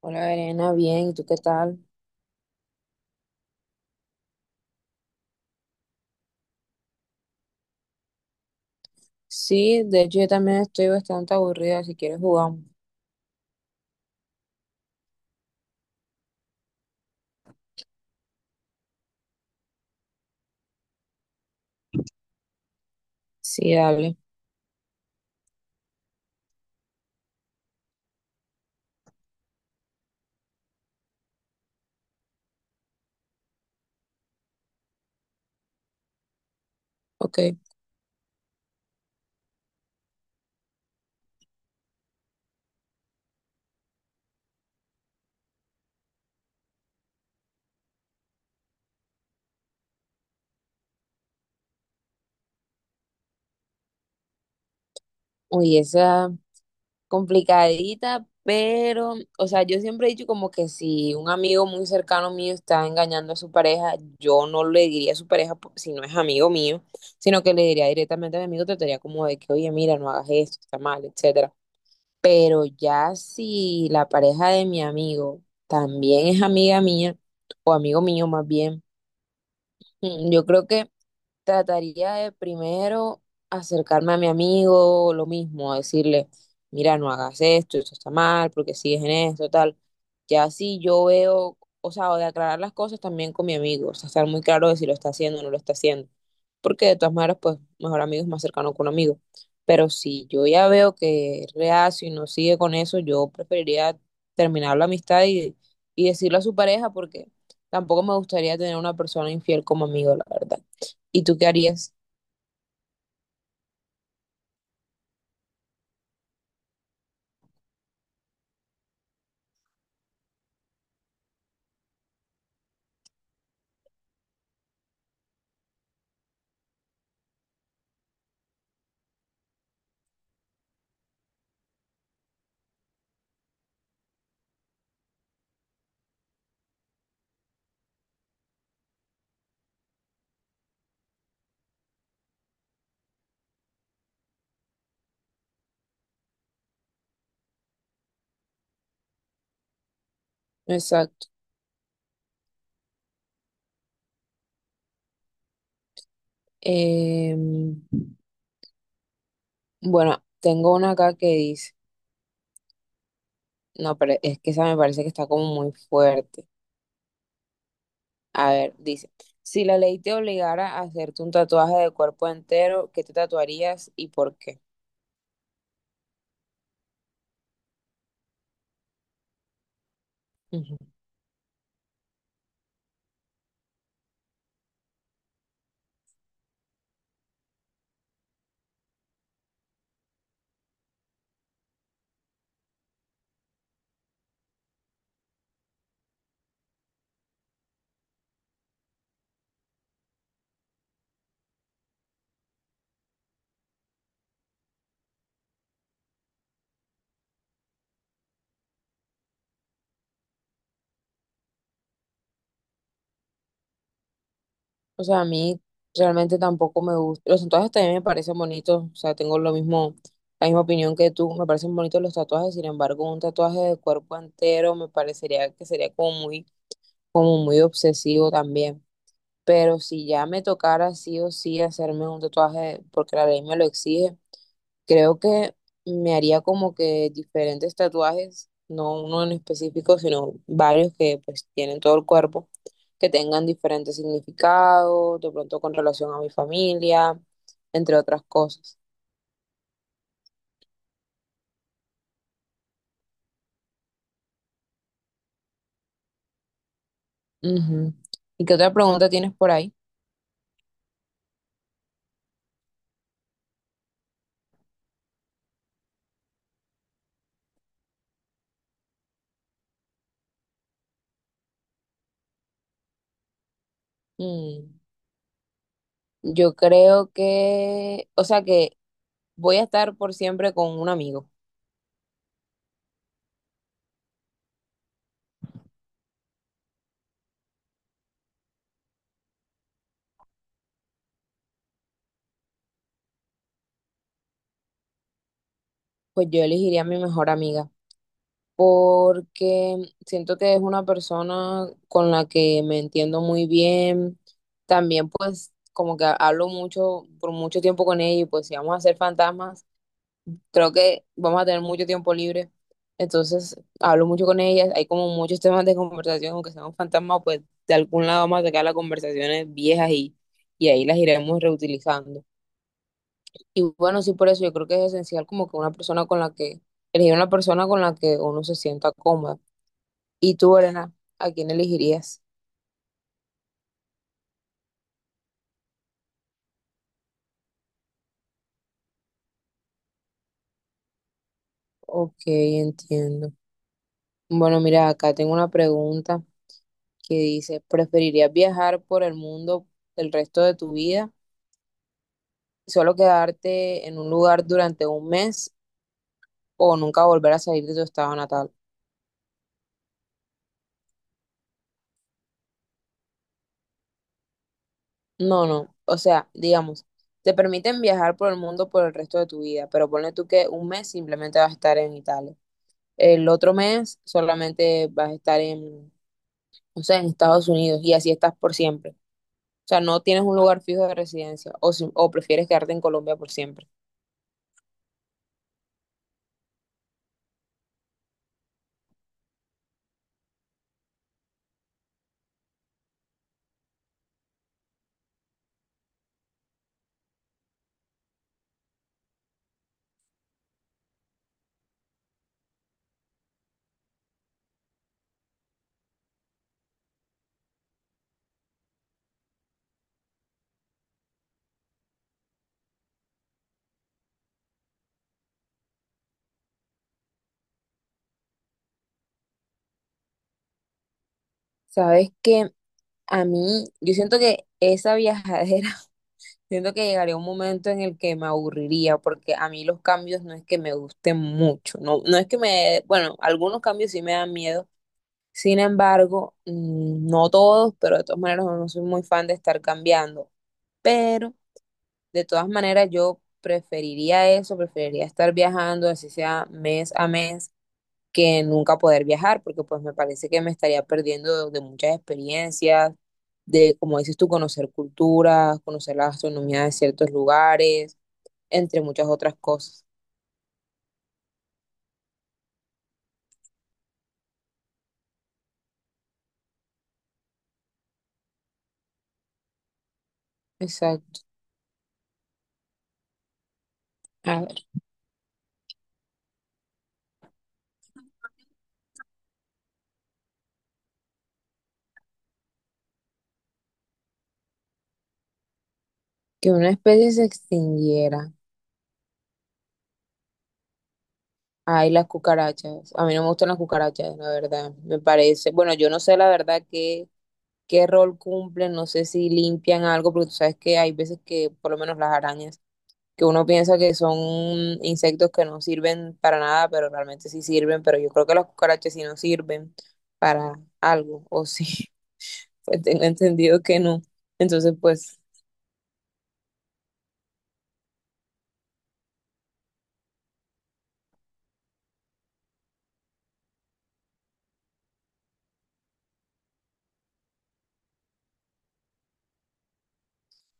Hola, Elena, bien, ¿y tú qué tal? Sí, de hecho yo también estoy bastante aburrida, si quieres jugamos. Sí, dale, ok. Uy, esa complicadita, pero, o sea, yo siempre he dicho como que si un amigo muy cercano mío está engañando a su pareja, yo no le diría a su pareja po- si no es amigo mío, sino que le diría directamente a mi amigo, trataría como de que, oye, mira, no hagas esto, está mal, etcétera. Pero ya si la pareja de mi amigo también es amiga mía, o amigo mío más bien, mm, yo creo que trataría de primero acercarme a mi amigo, lo mismo, a decirle, mira, no hagas esto, esto está mal, porque sigues en esto, tal. Ya si yo veo, o sea, o de aclarar las cosas también con mi amigo, o sea, estar muy claro de si lo está haciendo o no lo está haciendo, porque de todas maneras, pues, mejor amigo es más cercano que un amigo. Pero si yo ya veo que es reacio y no sigue con eso, yo preferiría terminar la amistad y decirlo a su pareja, porque tampoco me gustaría tener una persona infiel como amigo, la verdad. ¿Y tú qué harías? Exacto. Em, bueno, tengo una acá que dice, no, pero es que esa me parece que está como muy fuerte. A ver, dice, si la ley te obligara a hacerte un tatuaje de cuerpo entero, ¿qué te tatuarías y por qué? Ujú. O sea, a mí realmente tampoco me gusta. Los tatuajes también me parecen bonitos, o sea, tengo lo mismo, la misma opinión que tú, me parecen bonitos los tatuajes, sin embargo, un tatuaje de cuerpo entero me parecería que sería como muy obsesivo también. Pero si ya me tocara sí o sí hacerme un tatuaje, porque la ley me lo exige, creo que me haría como que diferentes tatuajes, no uno en específico, sino varios que pues tienen todo el cuerpo, que tengan diferentes significados, de pronto con relación a mi familia, entre otras cosas. Ujú. ¿Y qué otra pregunta tienes por ahí? Mm, yo creo que, o sea que voy a estar por siempre con un amigo. Pues yo elegiría a mi mejor amiga, porque siento que es una persona con la que me entiendo muy bien. También pues como que hablo mucho, por mucho tiempo con ella y pues si vamos a ser fantasmas, creo que vamos a tener mucho tiempo libre. Entonces hablo mucho con ella, hay como muchos temas de conversación, aunque seamos fantasmas, pues de algún lado vamos a sacar las conversaciones viejas y ahí las iremos reutilizando. Y bueno, sí, por eso yo creo que es esencial como que una persona con la que, elegir una persona con la que uno se sienta cómoda. ¿Y tú, Elena, a quién elegirías? Ok, entiendo. Bueno, mira, acá tengo una pregunta que dice, ¿preferirías viajar por el mundo el resto de tu vida y solo quedarte en un lugar durante un mes o nunca volver a salir de tu estado natal? No, no. O sea, digamos, te permiten viajar por el mundo por el resto de tu vida, pero ponle tú que un mes simplemente vas a estar en Italia. El otro mes solamente vas a estar en, no sé, en Estados Unidos y así estás por siempre. O sea, no tienes un lugar fijo de residencia o, si- o prefieres quedarte en Colombia por siempre. Sabes que a mí, yo siento que esa viajadera, siento que llegaría un momento en el que me aburriría, porque a mí los cambios no es que me gusten mucho, no, no es que me, bueno, algunos cambios sí me dan miedo, sin embargo, no todos, pero de todas maneras no soy muy fan de estar cambiando, pero de todas maneras, yo preferiría eso, preferiría estar viajando, así sea mes a mes, que nunca poder viajar, porque pues me parece que me estaría perdiendo de muchas experiencias, de, como dices tú, conocer culturas, conocer la gastronomía de ciertos lugares, entre muchas otras cosas. Exacto. A ver, que una especie se extinguiera. Ay, las cucarachas. A mí no me gustan las cucarachas, la verdad. Me parece, bueno, yo no sé la verdad que qué rol cumplen, no sé si limpian algo, porque tú sabes que hay veces que, por lo menos las arañas, que uno piensa que son insectos que no sirven para nada, pero realmente sí sirven, pero yo creo que las cucarachas sí no sirven para algo, o sí, pues tengo entendido que no. Entonces, pues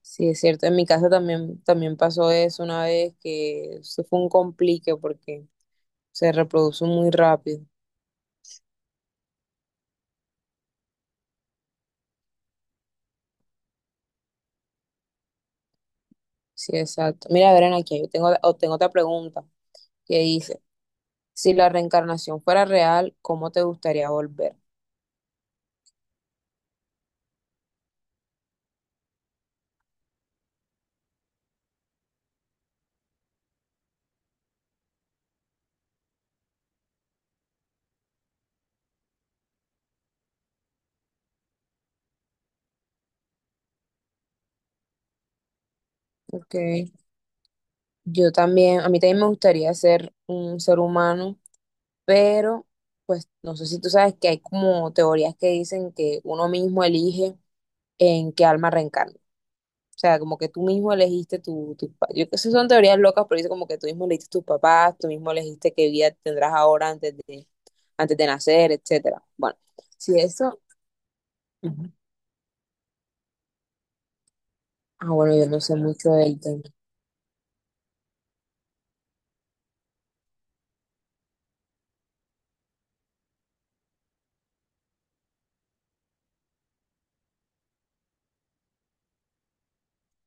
sí es cierto, en mi casa también, también pasó eso una vez, que eso fue un complique porque se reproduce muy rápido. Sí, exacto. Mira, Verena, aquí yo tengo, o tengo otra pregunta que dice, si la reencarnación fuera real, ¿cómo te gustaría volver? Ok. Yo también, a mí también me gustaría ser un ser humano, pero pues no sé si tú sabes que hay como teorías que dicen que uno mismo elige en qué alma reencarna. O sea, como que tú mismo elegiste tu, tu pa- yo que sé, son teorías locas, pero dice como que tú mismo elegiste tus papás, tú mismo elegiste qué vida tendrás ahora antes de nacer, etcétera. Bueno, si eso, ujú, ah, bueno, yo no sé mucho del tema.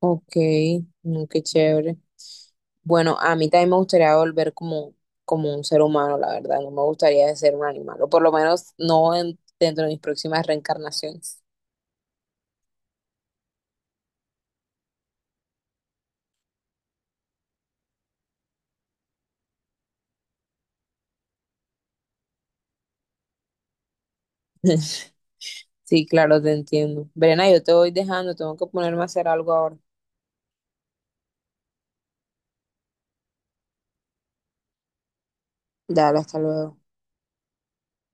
Ok, no, qué chévere. Bueno, a mí también me gustaría volver como, como un ser humano, la verdad. No me gustaría ser un animal, o por lo menos no en- dentro de mis próximas reencarnaciones. Sí, claro, te entiendo. Verena, yo te voy dejando, tengo que ponerme a hacer algo ahora. Dale, hasta luego.